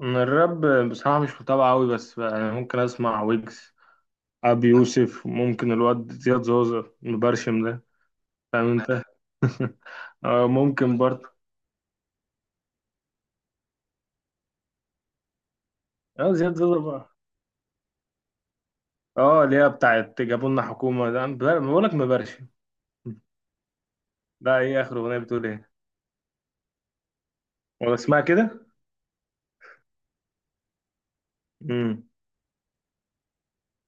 من الراب بصراحة، مش متابع أوي بس يعني ممكن أسمع ويجز، أبي يوسف، ممكن الواد زياد زوزة المبرشم ده. فاهم أنت؟ ممكن برضه. أه، زياد زوزة بقى. أه، اللي هي بتاعت جابوا لنا حكومة ده، أنا بقول لك مبرشم. لا، إيه آخر أغنية؟ بتقول إيه؟ ولا اسمها كده؟ امم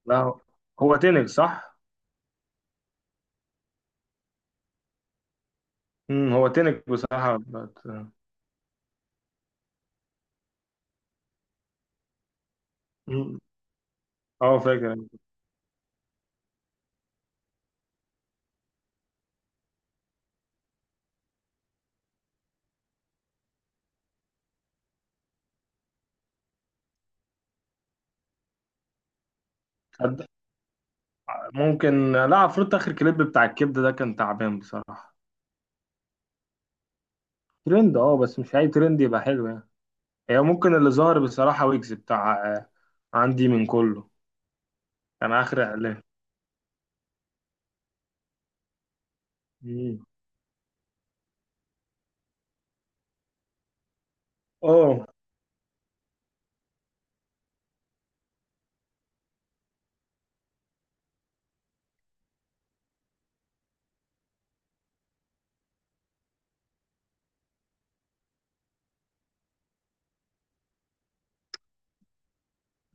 لا. هو تنك صح؟ هو تنك بصراحة مم. أه، فاكر. تصدق؟ ممكن، لا، عفروت آخر كليب بتاع الكبدة ده كان تعبان بصراحة. ترند، اه، بس مش اي ترند يبقى حلو يعني. هي ممكن اللي ظهر بصراحة ويجز، بتاع عندي من كله. كان اخر اعلان. مم. اه.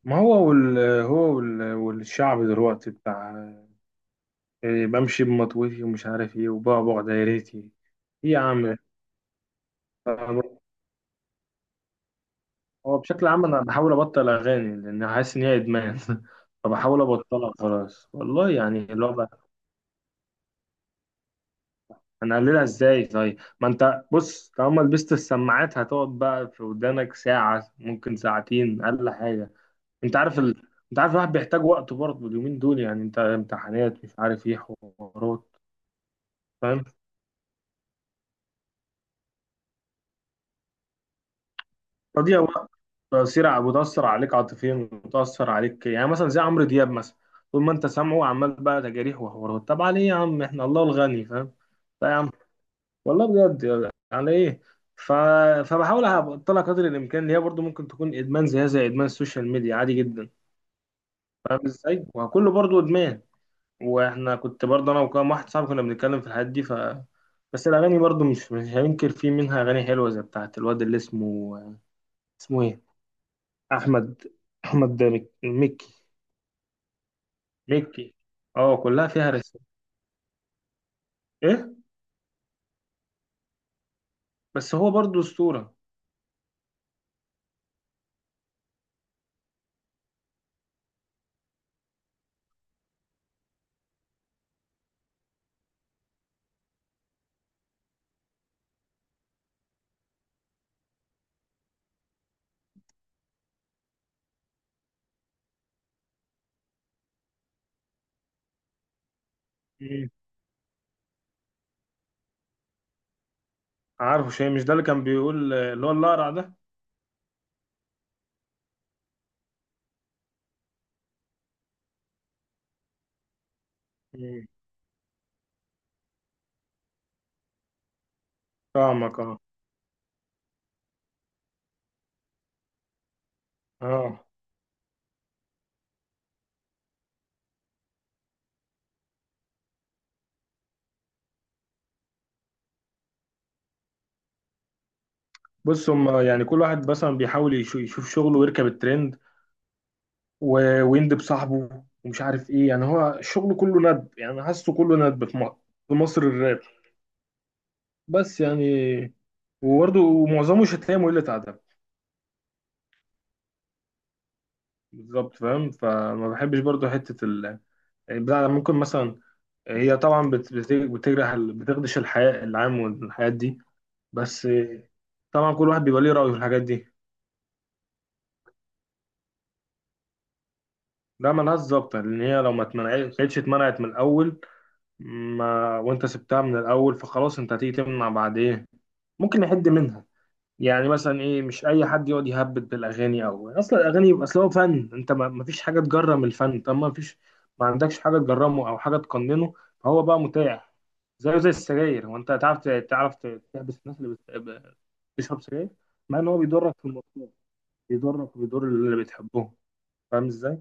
ما هو وال، هو وال، والشعب دلوقتي بتاع بمشي بمطوتي ومش عارف ايه، وبعبع دايرتي ايه. يا عم، هو بشكل عام انا بحاول ابطل اغاني، لان حاسس ان هي ادمان. فبحاول ابطلها خلاص والله، يعني اللعبة. هنقللها ازاي طيب؟ ما انت بص، طالما لبست السماعات هتقعد بقى في ودانك ساعة، ممكن ساعتين، اقل حاجة. انت عارف ال... انت عارف الواحد بيحتاج وقت برضه اليومين دول، يعني انت امتحانات، مش عارف ايه، حوارات. فاهم. تضييع وقت. تأثير، بتأثر عليك عاطفيا وتأثر عليك، يعني مثلا زي عمرو دياب مثلا. طول ما انت سامعه عمال بقى تجاريح وحوارات، طب عليه يا عم، احنا الله الغني، فاهم. لا يا عم، والله بجد يعني، على ايه. ف... فبحاول ابطلها قدر الامكان، اللي هي برضو ممكن تكون ادمان زيها زي ادمان السوشيال ميديا، عادي جدا. فاهم ازاي؟ وكله برضو ادمان. واحنا كنت برضو انا وكام واحد صاحبي كنا بنتكلم في الحاجات دي، ف، بس الاغاني برضو، مش هننكر، في منها اغاني حلوه، زي بتاعه الواد اللي اسمه، اسمه ايه، احمد، احمد ده مكي. مكي، اه، كلها فيها رسالة. ايه، بس هو برضو اسطوره. مم. عارفه، شيء مش ده اللي كان بيقول، اللي هو الاقرع ده. مم. فاهمك اه. اه، بص، هم يعني كل واحد مثلا بيحاول يشوف شغله ويركب الترند، ويندب صاحبه ومش عارف ايه، يعني هو شغله كله ندب، يعني حاسه كله ندب في مصر، في مصر الراب، بس يعني. وبرضه معظمه شتايم وقلة أدب. بالظبط فاهم، فما بحبش برضه حتة ال، البتاع ده. ممكن مثلا، هي طبعا بتجرح بتخدش الحياة العام والحاجات دي. بس طبعا كل واحد بيبقى ليه رأيه في الحاجات دي. لا، ملهاش ظابطة، لأن هي لو ما اتمنعتش، كانتش اتمنعت من الأول. ما وانت سبتها من الاول، فخلاص انت هتيجي تمنع بعد ايه. ممكن يحد منها. يعني مثلا ايه، مش اي حد يقعد يهبد بالاغاني، او اصلا الاغاني، اصل هو فن، انت ما فيش حاجه تجرم الفن، طب ما فيش، ما عندكش حاجه تجرمه او حاجه تقننه. فهو بقى متاح. زيه زي السجاير، هو انت تعرف تحبس الناس اللي بتشرب سجاير، مع ان هو بيضرك في المطلوب، بيضرك وبيضر اللي بتحبهم. فاهم ازاي؟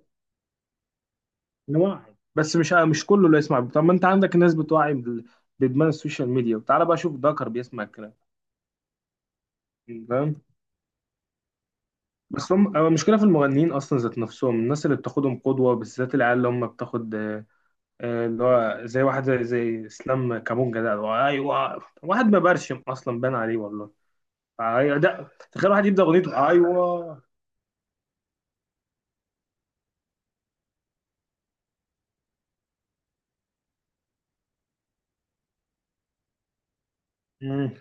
نوعي، بس مش، مش كله اللي يسمع، طب ما انت عندك ناس بتوعي بادمان السوشيال ميديا، وتعالى بقى شوف دكر بيسمع الكلام. فاهم. بس هم، هو المشكله في المغنيين اصلا ذات نفسهم، الناس اللي بتاخدهم قدوه، بالذات العيال اللي هم بتاخد اللي هو زي واحد، زي اسلام كابونجا ده، اللي هو ايوه، واحد مبرشم اصلا بان عليه والله. ايوه ده، تخيل واحد يبدا اغنيته ايوه. مم.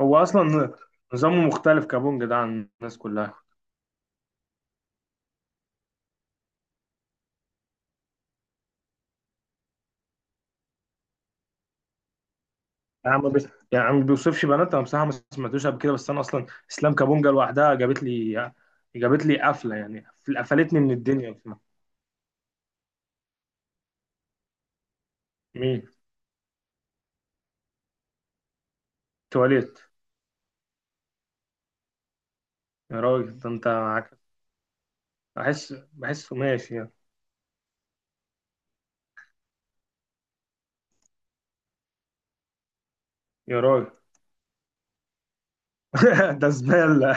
هو اصلا نظامه مختلف، كابونجا ده عن الناس كلها. يا عم بس، يا عم ما بيوصفش بنات، انا بصراحه ما سمعتوش قبل كده، بس انا اصلا اسلام كابونجا لوحدها جابت لي، جابت لي قفله يعني، قفلتني من الدنيا بصراحه. مين؟ تواليت. يا راجل، ده انت معاك، بحس بحسه ماشي يعني. يا راجل، ده زباله.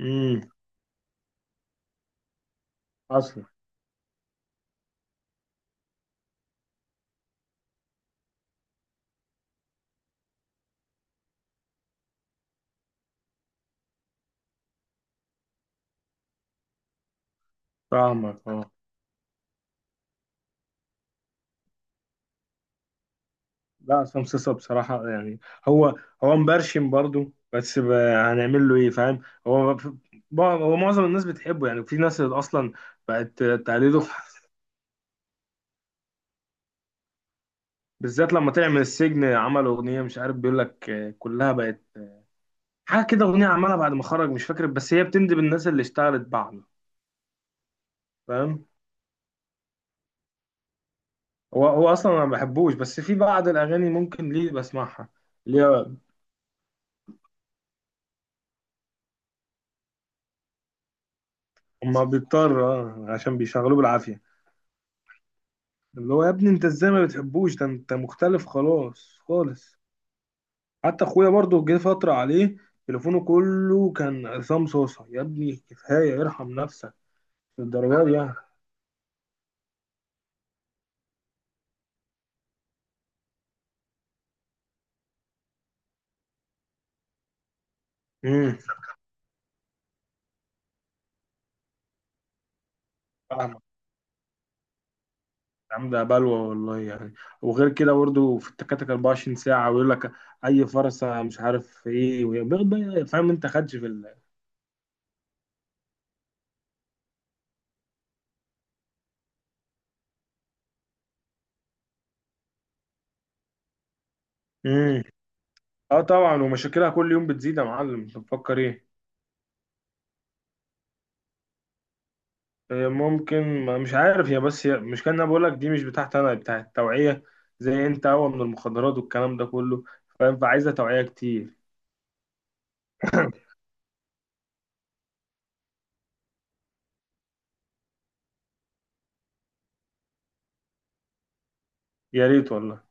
امم، اصلا. فاهمك اه. لا، عصام صاصا بصراحه يعني، هو هو مبرشم برضو، بس هنعمل له ايه فاهم. هو هو معظم الناس بتحبه، يعني في ناس اصلا بقت تقليده. بالذات لما طلع من السجن عمل اغنيه، مش عارف بيقول لك كلها بقت حاجه كده، اغنيه عملها بعد ما خرج مش فاكر، بس هي بتندب الناس اللي اشتغلت بعده. فاهم. هو اصلا أنا ما بحبوش، بس في بعض الاغاني ممكن ليه بسمعها، اللي هو، هما بيضطر، اه، عشان بيشغلوه بالعافيه، اللي هو يا ابني انت ازاي ما بتحبوش، ده انت مختلف خلاص خالص. حتى اخويا برضه جه فتره عليه، تليفونه كله كان عصام صوصه. يا ابني كفايه ارحم نفسك الدرجات دي يعني. امم. يا عم ده بلوى والله يعني. وغير كده برضه في التكاتك 24 ساعة، ويقول لك أي فرصة مش عارف إيه، وبياخد بقى فاهم أنت، خدش في ال... امم. اه طبعا، ومشاكلها كل يوم بتزيد، يا معلم انت بتفكر ايه؟ ممكن، مش عارف، هي بس، هي مش كان، انا بقول لك دي مش بتاعت، انا بتاعت التوعيه، زي انت هو من المخدرات والكلام ده كله. فاهم؟ فعايزه توعيه كتير. يا ريت والله.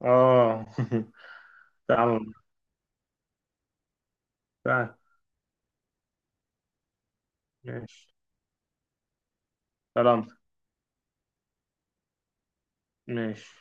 اه. فعلا، فعلا. ماشي. سلام. ماشي.